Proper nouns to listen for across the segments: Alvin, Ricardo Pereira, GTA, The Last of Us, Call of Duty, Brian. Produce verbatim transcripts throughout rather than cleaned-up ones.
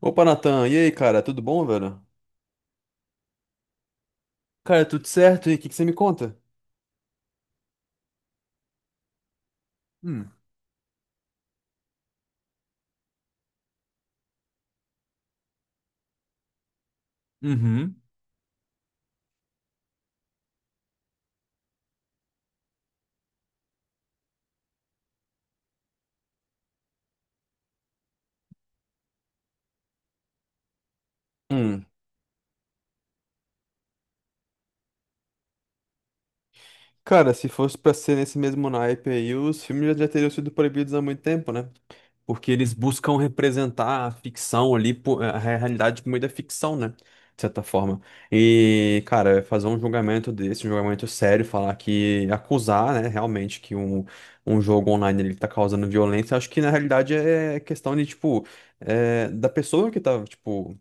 Opa, Natan, e aí, cara, tudo bom, velho? Cara, tudo certo? E o que que você me conta? Hum. Uhum. Hum. Cara, se fosse pra ser nesse mesmo naipe aí, os filmes já, já teriam sido proibidos há muito tempo, né? Porque eles buscam representar a ficção ali, pô, a realidade por meio da ficção, né? De certa forma. E, cara, fazer um julgamento desse, um julgamento sério, falar que, acusar, né, realmente que um, um jogo online ele tá causando violência, acho que na realidade é questão de, tipo, é, da pessoa que tá, tipo.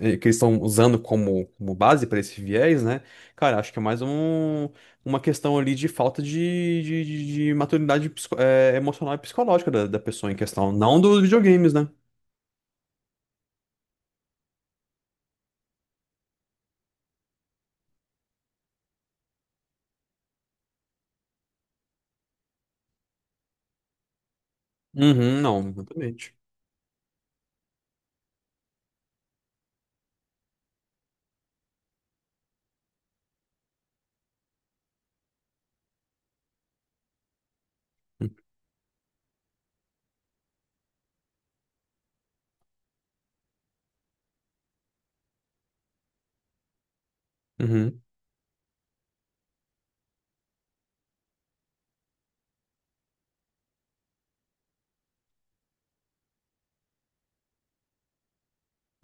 é, que eles estão usando como, como base para esse viés, né? Cara, acho que é mais um uma questão ali de falta de, de, de- de maturidade psico- é, emocional e psicológica da, da pessoa em questão, não dos videogames, né? Uhum, não, exatamente. Uhum,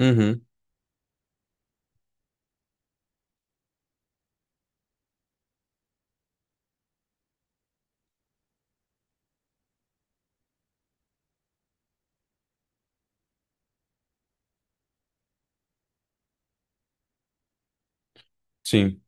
uhum, sim.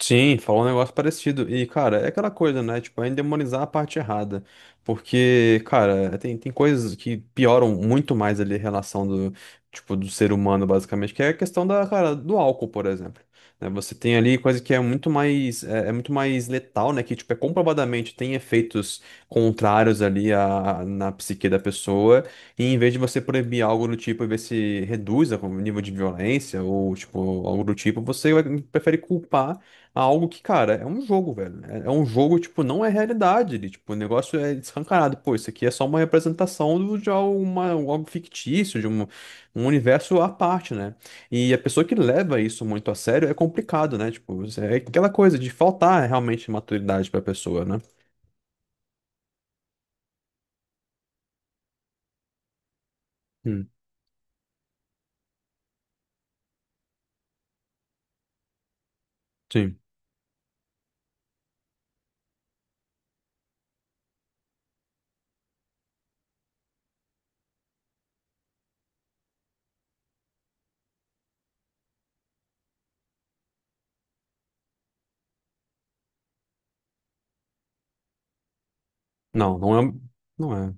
Sim, falou um negócio parecido. E, cara, é aquela coisa, né? Tipo, é endemonizar a parte errada. Porque, cara, tem, tem coisas que pioram muito mais ali a relação do, tipo, do ser humano, basicamente, que é a questão da, cara, do álcool, por exemplo. Né? Você tem ali coisa que é muito mais, é, é muito mais letal, né? Que, tipo, é comprovadamente tem efeitos contrários ali à, na psique da pessoa. E em vez de você proibir algo do tipo e ver se reduz o nível de violência ou, tipo, algo do tipo, você vai- prefere culpar algo que, cara, é um jogo, velho. É é um jogo, tipo, não é realidade. Ele, tipo, o negócio é escancarado. Pô, isso aqui é só uma representação do- de alguma, algo fictício, de um, um universo à parte, né? E a pessoa que leva isso muito a sério é complicado, né? Tipo, é aquela coisa de faltar realmente maturidade pra pessoa, né? Hum, sim. Não, não é. Não é.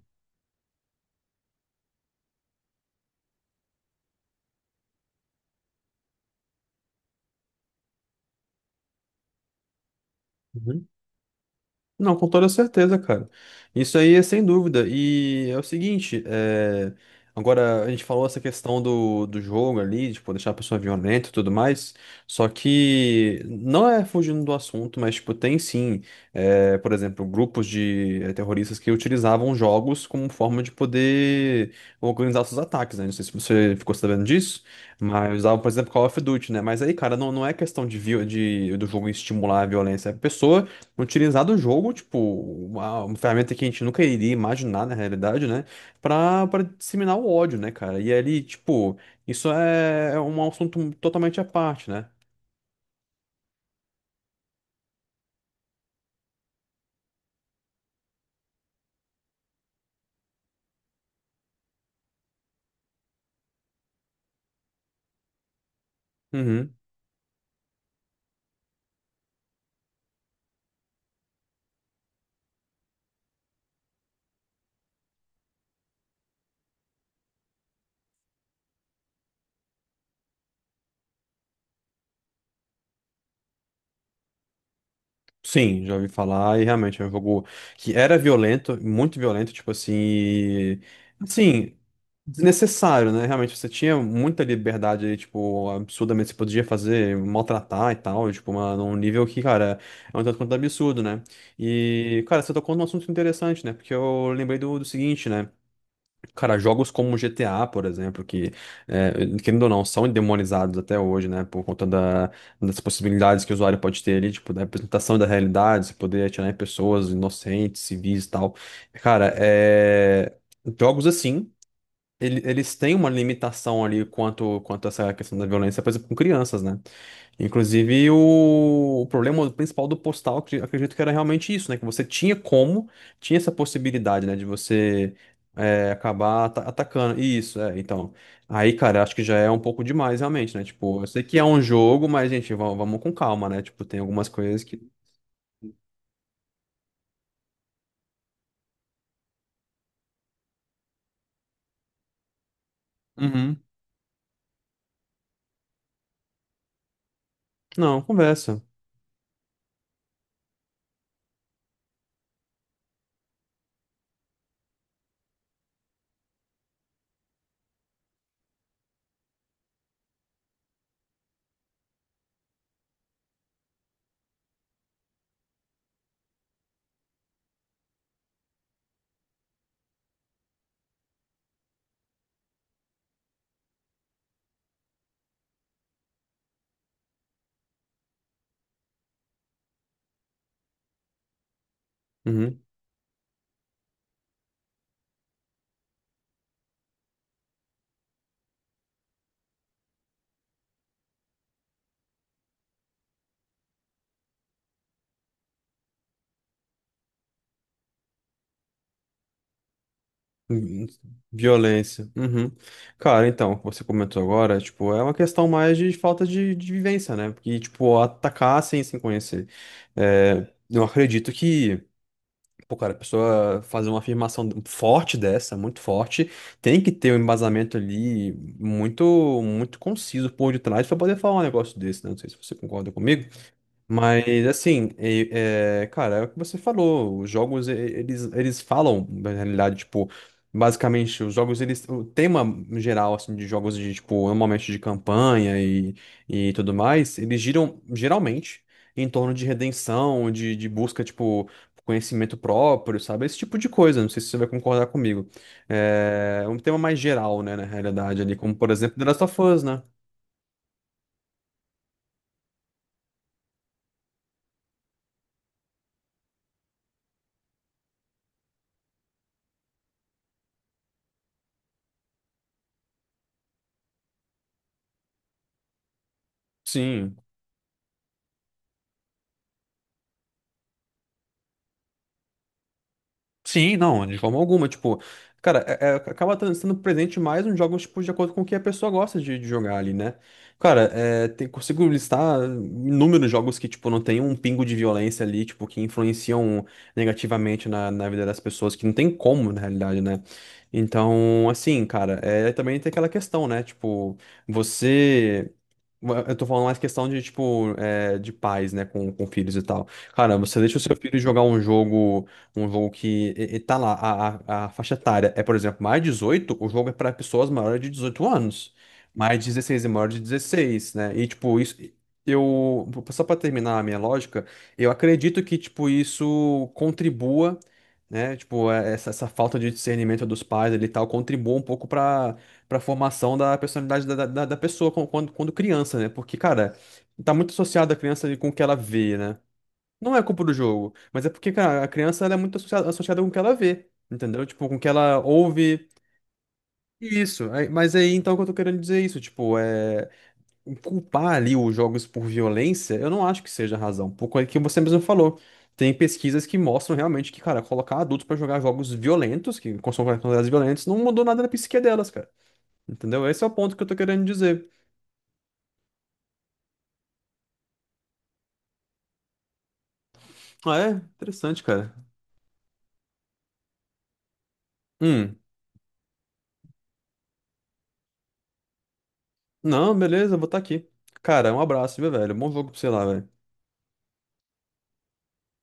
Não, com toda certeza, cara. Isso aí é sem dúvida. E é o seguinte, é, agora a gente falou essa questão do, do jogo ali, de tipo, deixar a pessoa violenta e tudo mais. Só que não é fugindo do assunto, mas tipo, tem sim, é, por exemplo, grupos de é, terroristas que utilizavam jogos como forma de poder organizar seus ataques, né? Não sei se você ficou sabendo disso, mas usavam, por exemplo, Call of Duty, né? Mas aí, cara, não, não é questão de, vi- de do jogo estimular a violência. A pessoa utilizar do jogo, tipo, uma, uma ferramenta que a gente nunca iria imaginar na realidade, né? Pra, pra disseminar o ódio, né, cara? E ali, tipo, isso é é um assunto totalmente à parte, né? Uhum. Sim, já ouvi falar e realmente é um jogo que era violento, muito violento, tipo assim, e, assim, desnecessário, né? Realmente você tinha muita liberdade ali, tipo, absurdamente você podia fazer, maltratar e tal, tipo, uma, num nível que, cara, é um tanto quanto absurdo, né? E, cara, você tocou num assunto interessante, né? Porque eu lembrei do, do seguinte, né? Cara, jogos como G T A, por exemplo, que, é, querendo ou não, são demonizados até hoje, né? Por conta da- das possibilidades que o usuário pode ter ali, tipo, da representação da realidade, se poder atirar em pessoas inocentes, civis e tal. Cara, é, jogos assim ele- eles têm uma limitação ali quanto, quanto a essa questão da violência, por exemplo, com crianças, né? Inclusive, o, o problema principal do postal, acre- acredito que era realmente isso, né? Que você tinha como, tinha essa possibilidade, né? De você é, acabar ata- atacando. Isso, é, então. Aí, cara, acho que já é um pouco demais, realmente, né? Tipo, eu sei que é um jogo, mas, gente, va- vamos com calma, né? Tipo, tem algumas coisas que. Uhum. Não, conversa. Uhum. Violência. Uhum. Cara, então, o que você comentou agora, tipo, é uma questão mais de falta de, de vivência, né? Porque, tipo, atacar assim, sem se conhecer. É, eu acredito que, pô, cara, a pessoa fazer uma afirmação forte dessa, muito forte, tem que ter um embasamento ali muito, muito conciso por detrás pra poder falar um negócio desse, né? Não sei se você concorda comigo. Mas assim, e- é, cara, é o que você falou, os jogos e- eles, eles falam, na realidade, tipo, basicamente, os jogos, eles, o tema geral, assim, de jogos de, tipo, normalmente de campanha e, e tudo mais, eles giram, geralmente, em torno de redenção, de, de busca, tipo, conhecimento próprio, sabe? Esse tipo de coisa, não sei se você vai concordar comigo. É um tema mais geral, né, na realidade, ali, como, por exemplo, The Last of Us, né? Sim. Sim, não, de forma alguma. Tipo, cara, é- é- acaba tran- sendo presente mais nos jogos, tipo, de acordo com o que a pessoa gosta de, de jogar ali, né? Cara, é, tem- consigo listar inúmeros jogos que, tipo, não tem um pingo de violência ali, tipo, que influenciam negativamente na, na vida das pessoas, que não tem como, na realidade, né? Então, assim, cara, é, também tem aquela questão, né? Tipo, você. Eu tô falando mais questão de, tipo, é, de pais, né, com, com filhos e tal. Cara, você deixa o seu filho jogar um jogo um jogo que e- e tá lá, a, a, a faixa etária é, por exemplo, mais de dezoito o jogo é para pessoas maiores de dezoito anos, mais de dezesseis e maior de dezesseis né? E, tipo, isso. Eu, só para terminar a minha lógica, eu acredito que, tipo, isso contribua, né? Tipo, é- essa, essa falta de discernimento dos pais ali e tal, contribua um pouco para para formação da personalidade da, da, da pessoa com- quando, quando criança, né? Porque, cara, tá muito associado a criança ali com o que ela vê, né? Não é culpa do jogo, mas é porque, cara, a criança ela é muito associada, associada com o que ela vê, entendeu? Tipo, com o que ela ouve. Isso, aí- mas aí então que eu tô querendo dizer é isso, tipo, é. Culpar ali os jogos por violência, eu não acho que seja a razão. Por coisa que você mesmo falou. Tem pesquisas que mostram realmente que, cara, colocar adultos pra jogar jogos violentos, que consomem quantidades violentas, não mudou nada na psique delas, cara. Entendeu? Esse é o ponto que eu tô querendo dizer. Ah, é? Interessante, cara. Hum. Não, beleza, vou estar aqui. Cara, um abraço, viu, velho? Bom jogo pra você lá, velho.